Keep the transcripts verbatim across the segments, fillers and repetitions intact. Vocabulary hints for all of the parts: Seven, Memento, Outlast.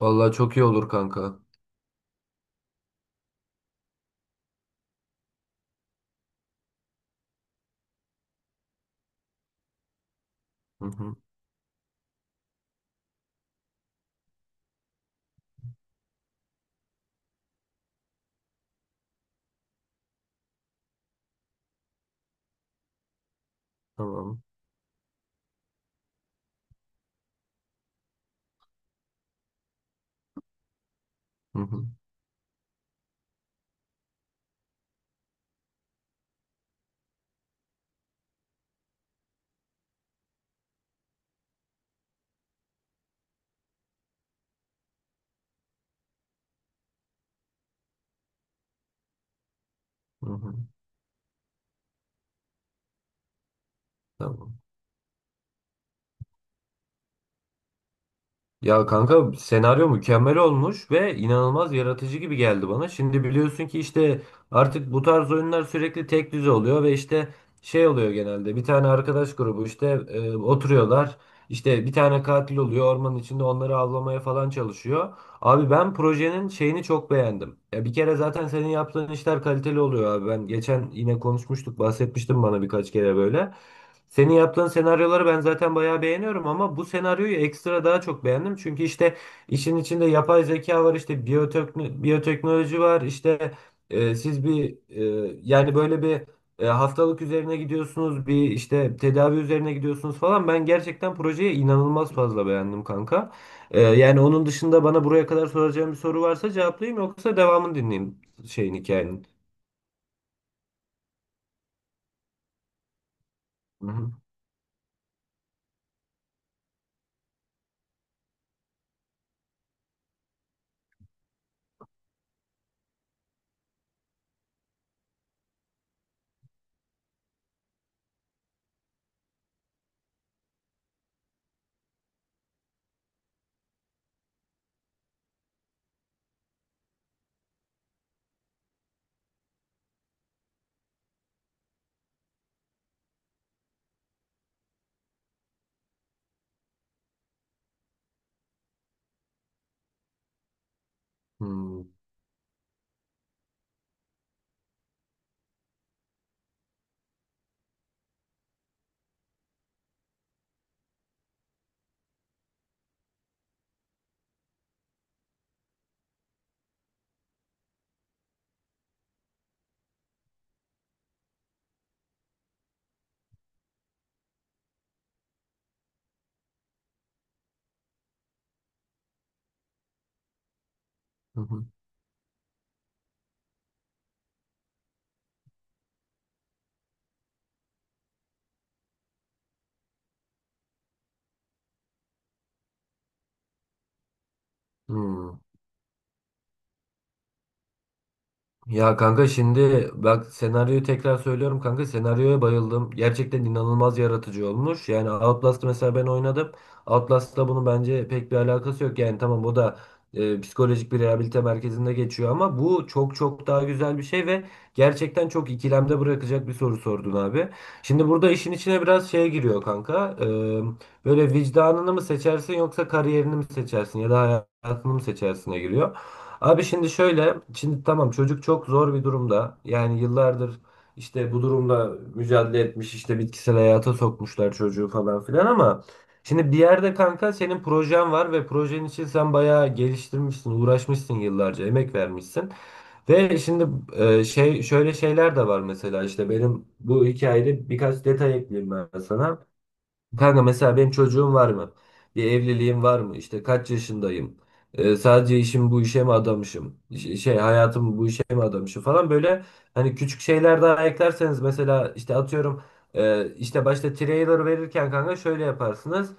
Vallahi çok iyi olur kanka. Hı hı, tamam. Hı hı, hı hı, tamam. Ya kanka senaryo mükemmel olmuş ve inanılmaz yaratıcı gibi geldi bana. Şimdi biliyorsun ki işte artık bu tarz oyunlar sürekli tek düze oluyor ve işte şey oluyor genelde. Bir tane arkadaş grubu işte e, oturuyorlar. İşte bir tane katil oluyor ormanın içinde onları avlamaya falan çalışıyor. Abi ben projenin şeyini çok beğendim. Ya bir kere zaten senin yaptığın işler kaliteli oluyor abi. Ben geçen yine konuşmuştuk, bahsetmiştim bana birkaç kere böyle. Senin yaptığın senaryoları ben zaten bayağı beğeniyorum ama bu senaryoyu ekstra daha çok beğendim. Çünkü işte işin içinde yapay zeka var, işte biyotekno- biyoteknoloji var, işte e, siz bir e, yani böyle bir e, hastalık üzerine gidiyorsunuz, bir işte tedavi üzerine gidiyorsunuz falan. Ben gerçekten projeyi inanılmaz fazla beğendim kanka. E, yani onun dışında bana buraya kadar soracağım bir soru varsa cevaplayayım yoksa devamını dinleyeyim şeyin hikayenin. Hı hı. Hı hı. Hı hı. Hı. Ya kanka şimdi bak senaryoyu tekrar söylüyorum kanka senaryoya bayıldım. Gerçekten inanılmaz yaratıcı olmuş. Yani Outlast'ı mesela ben oynadım. Outlast'la bunun bence pek bir alakası yok. Yani tamam bu da e, psikolojik bir rehabilite merkezinde geçiyor ama bu çok çok daha güzel bir şey ve gerçekten çok ikilemde bırakacak bir soru sordun abi. Şimdi burada işin içine biraz şey giriyor kanka. E, böyle vicdanını mı seçersin yoksa kariyerini mi seçersin ya da hayatını mı seçersine giriyor. Abi şimdi şöyle, şimdi tamam çocuk çok zor bir durumda. Yani yıllardır işte bu durumla mücadele etmiş, işte bitkisel hayata sokmuşlar çocuğu falan filan ama şimdi bir yerde kanka senin projen var ve projen için sen bayağı geliştirmişsin, uğraşmışsın yıllarca, emek vermişsin. Ve şimdi e, şey şöyle şeyler de var mesela işte benim bu hikayede birkaç detay ekleyeyim ben sana. Kanka mesela benim çocuğum var mı? Bir evliliğim var mı? İşte kaç yaşındayım? Ee, sadece işim bu işe mi adamışım? Ş- Şey hayatımı bu işe mi adamışım falan böyle hani küçük şeyler daha eklerseniz mesela işte atıyorum e, işte başta trailer verirken kanka şöyle yaparsınız.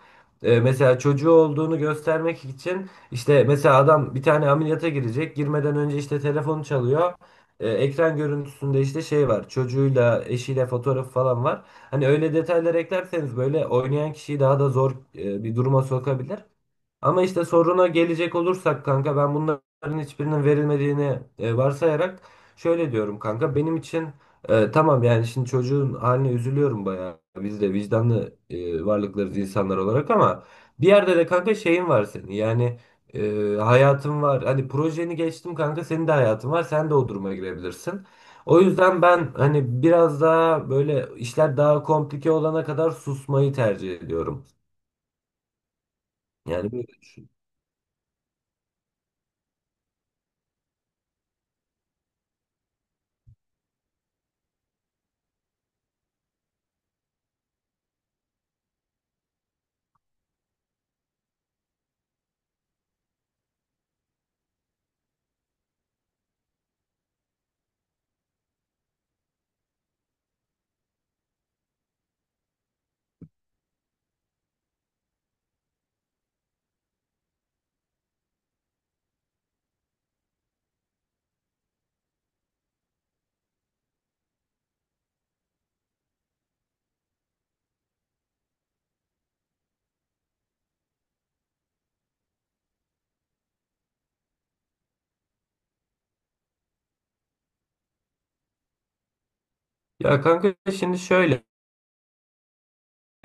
E, mesela çocuğu olduğunu göstermek için işte mesela adam bir tane ameliyata girecek. Girmeden önce işte telefonu çalıyor. E, ekran görüntüsünde işte şey var. Çocuğuyla eşiyle fotoğrafı falan var. Hani öyle detaylar eklerseniz böyle oynayan kişiyi daha da zor e, bir duruma sokabilir. Ama işte soruna gelecek olursak kanka ben bunların hiçbirinin verilmediğini e, varsayarak şöyle diyorum kanka benim için e, tamam yani şimdi çocuğun haline üzülüyorum bayağı biz de vicdanlı e, varlıklarız insanlar olarak ama bir yerde de kanka şeyin var senin yani e, hayatın var hani projeni geçtim kanka senin de hayatın var sen de o duruma girebilirsin. O yüzden ben hani biraz daha böyle işler daha komplike olana kadar susmayı tercih ediyorum. Yani böyle Ya kanka şimdi şöyle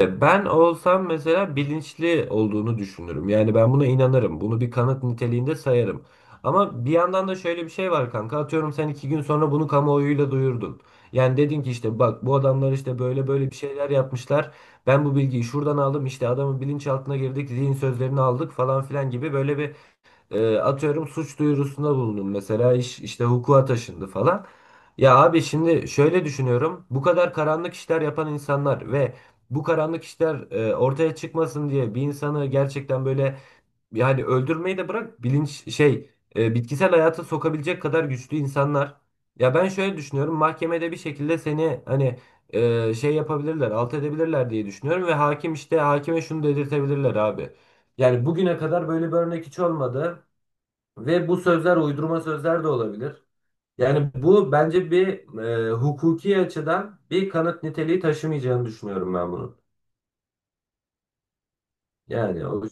ben olsam mesela bilinçli olduğunu düşünürüm. Yani ben buna inanırım. Bunu bir kanıt niteliğinde sayarım. Ama bir yandan da şöyle bir şey var kanka. Atıyorum sen iki gün sonra bunu kamuoyuyla duyurdun. Yani dedin ki işte bak bu adamlar işte böyle böyle bir şeyler yapmışlar. Ben bu bilgiyi şuradan aldım işte adamın bilinçaltına girdik zihin sözlerini aldık falan filan gibi böyle bir e, atıyorum suç duyurusunda bulundum. Mesela iş işte hukuka taşındı falan. Ya abi şimdi şöyle düşünüyorum. Bu kadar karanlık işler yapan insanlar ve bu karanlık işler e, ortaya çıkmasın diye bir insanı gerçekten böyle yani öldürmeyi de bırak bilinç şey e, bitkisel hayata sokabilecek kadar güçlü insanlar. Ya ben şöyle düşünüyorum. Mahkemede bir şekilde seni hani e, şey yapabilirler, alt edebilirler diye düşünüyorum ve hakim işte hakime şunu dedirtebilirler abi. Yani bugüne kadar böyle bir örnek hiç olmadı. Ve bu sözler uydurma sözler de olabilir. Yani bu bence bir e, hukuki açıdan bir kanıt niteliği taşımayacağını düşünüyorum ben bunun. Yani o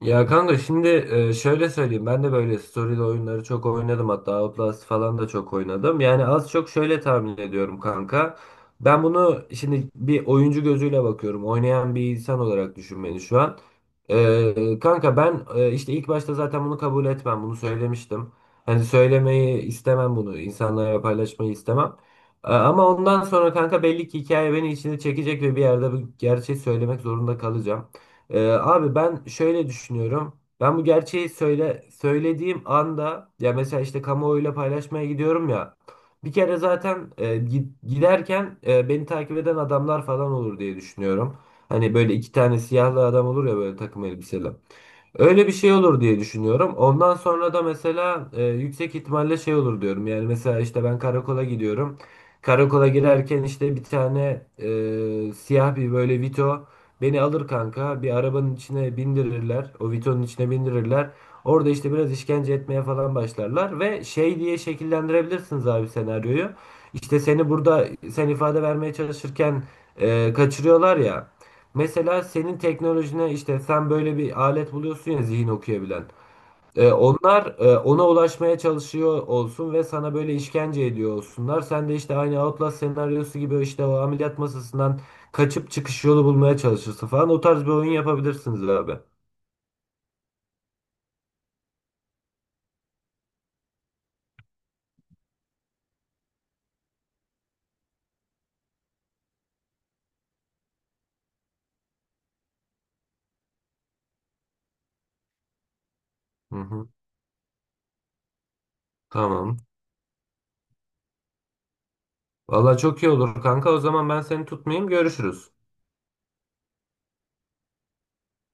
Ya kanka şimdi e, şöyle söyleyeyim ben de böyle story'li oyunları çok oynadım hatta Outlast falan da çok oynadım. Yani az çok şöyle tahmin ediyorum kanka. Ben bunu şimdi bir oyuncu gözüyle bakıyorum. Oynayan bir insan olarak düşün beni şu an. E, kanka ben e, işte ilk başta zaten bunu kabul etmem. Bunu söylemiştim. Hani söylemeyi istemem bunu. İnsanlara paylaşmayı istemem. E, Ama ondan sonra kanka belli ki hikaye beni içine çekecek ve bir yerde bu gerçeği söylemek zorunda kalacağım. Ee, abi ben şöyle düşünüyorum. Ben bu gerçeği söyle söylediğim anda ya mesela işte kamuoyuyla paylaşmaya gidiyorum ya. Bir kere zaten e, gi- giderken e, beni takip eden adamlar falan olur diye düşünüyorum. Hani böyle iki tane siyahlı adam olur ya böyle takım elbiseli. Öyle bir şey olur diye düşünüyorum. Ondan sonra da mesela e, yüksek ihtimalle şey olur diyorum. Yani mesela işte ben karakola gidiyorum. Karakola girerken işte bir tane e, siyah bir böyle Vito beni alır kanka bir arabanın içine bindirirler. O Vito'nun içine bindirirler. Orada işte biraz işkence etmeye falan başlarlar ve şey diye şekillendirebilirsiniz abi senaryoyu. İşte seni burada sen ifade vermeye çalışırken e, kaçırıyorlar ya. Mesela senin teknolojine işte sen böyle bir alet buluyorsun ya zihin okuyabilen. E, onlar e, ona ulaşmaya çalışıyor olsun ve sana böyle işkence ediyor olsunlar. Sen de işte aynı Outlast senaryosu gibi işte o ameliyat masasından kaçıp çıkış yolu bulmaya çalışırsın falan. O tarz bir oyun yapabilirsiniz abi. Hı hı. Tamam. Valla çok iyi olur kanka. O zaman ben seni tutmayayım. Görüşürüz.